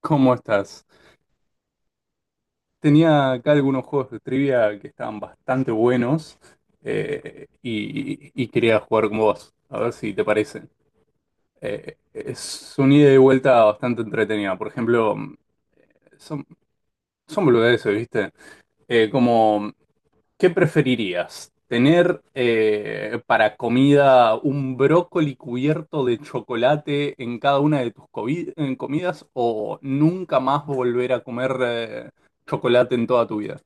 ¿Cómo estás? Tenía acá algunos juegos de trivia que estaban bastante buenos , y quería jugar con vos, a ver si te parece. Es una ida y vuelta bastante entretenida. Por ejemplo, son, son boludeces, ¿viste? Como, ¿qué preferirías? ¿Tener para comida un brócoli cubierto de chocolate en cada una de tus en comidas o nunca más volver a comer chocolate en toda tu vida?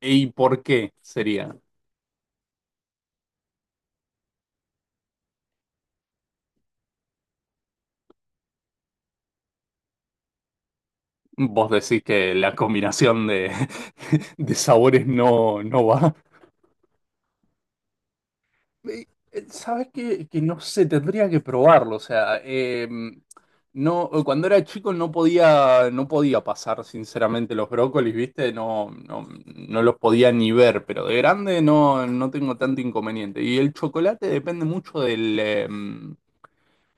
¿Y por qué sería? Vos decís que la combinación de, de sabores no va. Eh, Sabés que no sé, tendría que probarlo. O sea, no, cuando era chico no podía pasar sinceramente los brócolis, ¿viste? No, no, no los podía ni ver, pero de grande no, no tengo tanto inconveniente. Y el chocolate depende mucho del, eh,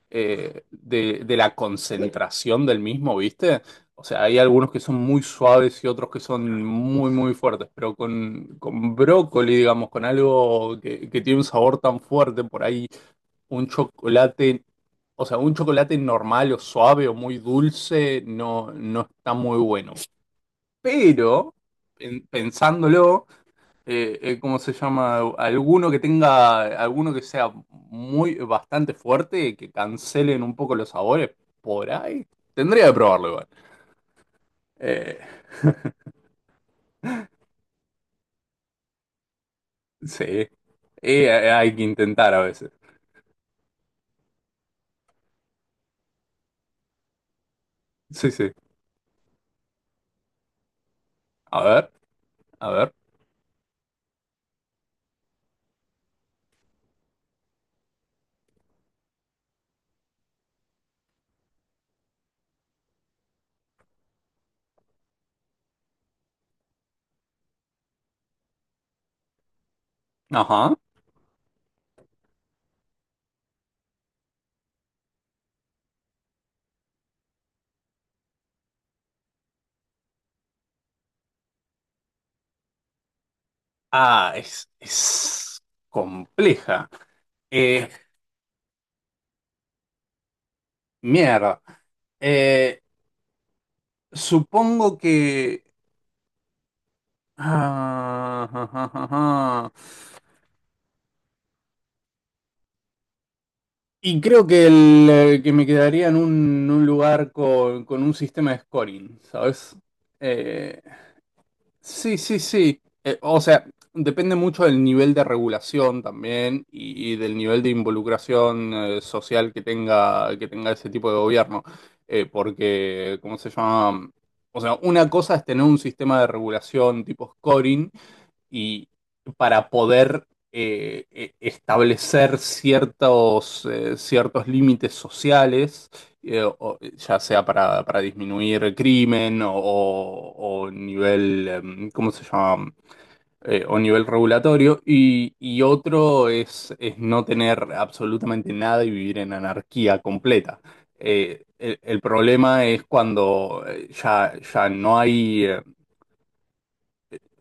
eh, de, de la concentración del mismo, ¿viste? O sea, hay algunos que son muy suaves y otros que son muy, muy fuertes, pero con brócoli, digamos, con algo que tiene un sabor tan fuerte, por ahí un chocolate, o sea, un chocolate normal o suave o muy dulce no, no está muy bueno. Pero, pensándolo ¿cómo se llama? Alguno que tenga, alguno que sea bastante fuerte, que cancelen un poco los sabores por ahí. Tendría que probarlo igual. Eh, sí, hay que intentar a veces. Sí, sí. A ver, a ver. Ajá. Ah, es compleja. Eh, Mierda. Eh, Supongo que... Ah, ah, ah, ah, ah. Y creo que me quedaría en un lugar con un sistema de scoring, ¿sabes? Eh, sí, sí, sí. O sea, depende mucho del nivel de regulación también y del nivel de involucración social que tenga ese tipo de gobierno. Porque, ¿cómo se llama? O sea, una cosa es tener un sistema de regulación tipo scoring y para poder establecer ciertos límites sociales, ya sea para disminuir el crimen o nivel, ¿cómo se llama? O nivel regulatorio, y otro es no tener absolutamente nada y vivir en anarquía completa. El problema es cuando ya no hay,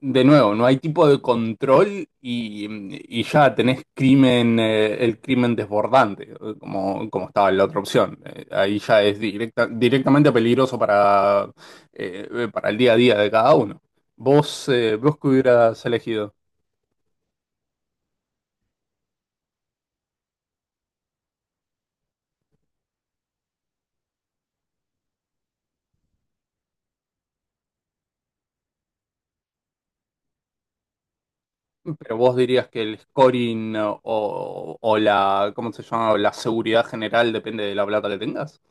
de nuevo, no hay tipo de control y ya tenés crimen, el crimen desbordante, como estaba en la otra opción. Ahí ya es directamente peligroso para el día a día de cada uno. Vos que hubieras elegido, pero vos dirías que el scoring o la, ¿cómo se llama? La seguridad general depende de la plata que tengas.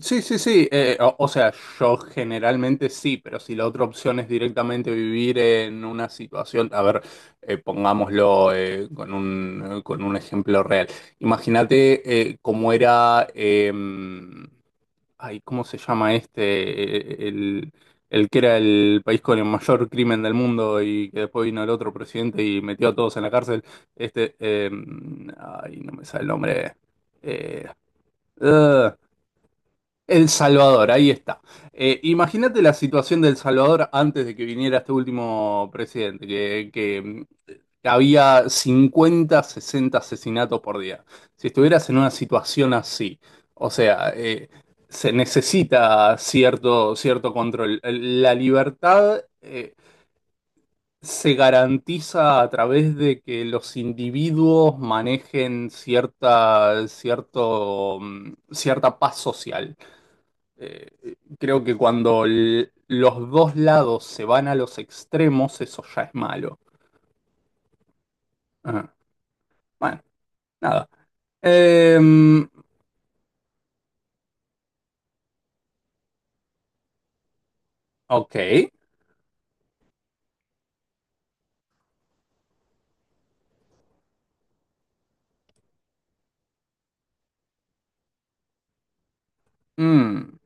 Sí, sí, sí. O sea, yo generalmente sí, pero si la otra opción es directamente vivir en una situación, a ver, pongámoslo con un ejemplo real. Imagínate cómo era, ay, ¿cómo se llama este? Eh, El, el que era el país con el mayor crimen del mundo y que después vino el otro presidente y metió a todos en la cárcel. Este, eh, Ay, no me sale el nombre. Eh, Ugh. El Salvador, ahí está. Imagínate la situación del Salvador antes de que viniera este último presidente, había 50, 60 asesinatos por día. Si estuvieras en una situación así, o sea, se necesita cierto control. La libertad, se garantiza a través de que los individuos manejen cierta paz social. Eh, Creo que cuando los dos lados se van a los extremos, eso ya es malo. Ah, bueno, nada. Em, ok. Mm,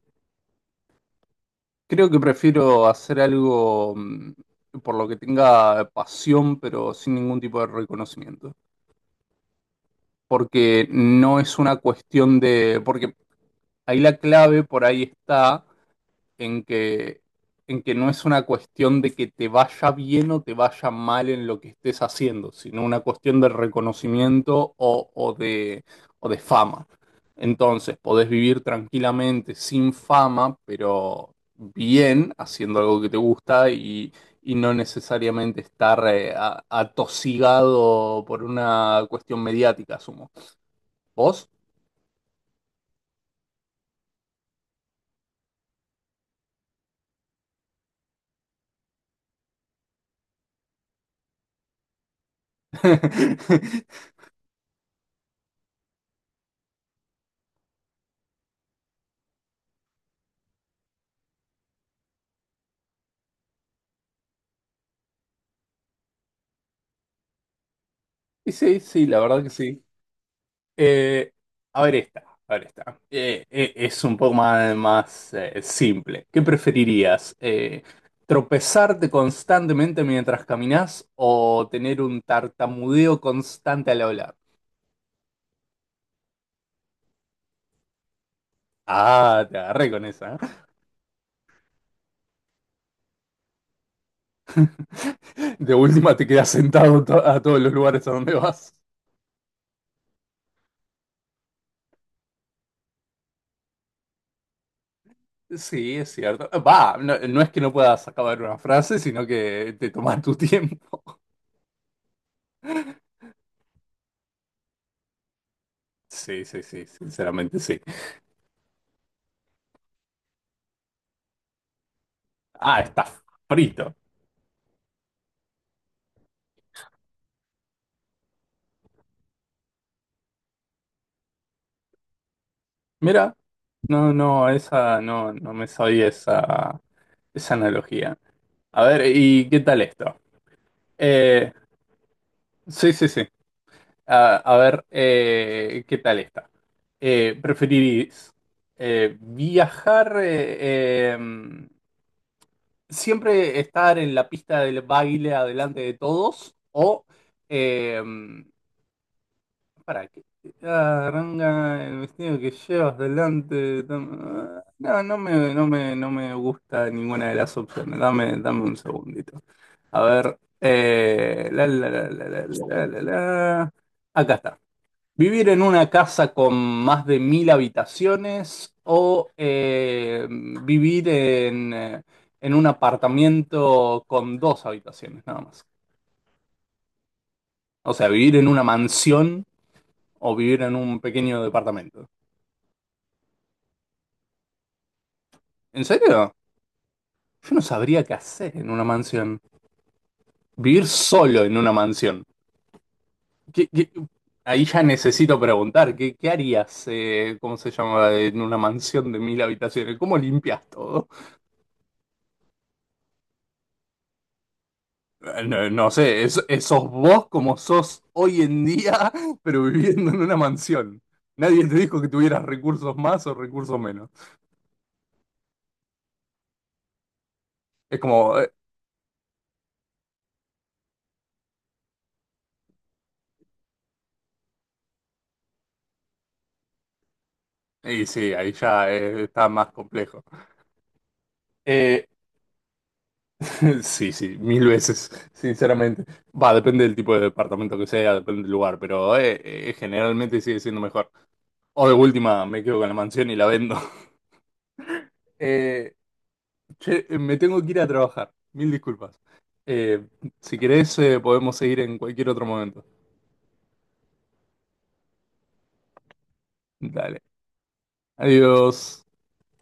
Creo que prefiero hacer algo por lo que tenga pasión, pero sin ningún tipo de reconocimiento. Porque no es una cuestión de... Porque ahí la clave por ahí está en que no es una cuestión de que te vaya bien o te vaya mal en lo que estés haciendo, sino una cuestión de reconocimiento o de fama. Entonces, podés vivir tranquilamente sin fama, pero bien, haciendo algo que te gusta y no necesariamente estar atosigado por una cuestión mediática, asumo. ¿Vos? Y sí, sí, la verdad que sí. Eh, a ver esta, a ver esta. Es un poco más simple. ¿Qué preferirías? ¿Tropezarte constantemente mientras caminas o tener un tartamudeo constante al hablar? Ah, te agarré con esa. ¿Eh? De última te quedas sentado a todos los lugares a donde vas. Sí, es cierto. Va, no, no es que no puedas acabar una frase, sino que te tomas tu tiempo. Sí, sí, sí, sinceramente sí. Ah, está frito. Mira, no, no, esa no, no me sabía esa analogía. A ver, ¿y qué tal esto? Eh, sí, sí, sí. A ver, ¿qué tal esta? ¿Preferirís viajar, siempre estar en la pista del baile adelante de todos o eh, ¿Para qué? Ah, arranca el vestido que llevas delante. No, no me gusta ninguna de las opciones. Dame un segundito. A ver. La, la, la, la, la, la, la. La. Acá está. ¿Vivir en una casa con más de 1000 habitaciones o vivir en un apartamento con dos habitaciones, nada más? O sea, vivir en una mansión o vivir en un pequeño departamento. ¿En serio? Yo no sabría qué hacer en una mansión. Vivir solo en una mansión. ¿Qué- qué- Ahí ya necesito preguntar, ¿qué harías, cómo se llama, en una mansión de 1000 habitaciones? ¿Cómo limpias todo? No, no sé, sos vos como sos hoy en día, pero viviendo en una mansión. Nadie te dijo que tuvieras recursos más o recursos menos. Es como, y sí, ahí ya está más complejo. Eh, Sí, sí, mil veces, sinceramente. Va, depende del tipo de departamento que sea, depende del lugar, pero generalmente sigue siendo mejor. O de última, me quedo con la mansión y la vendo. Eh, Che, me tengo que ir a trabajar, mil disculpas. Eh, si querés, podemos seguir en cualquier otro momento. Dale, adiós.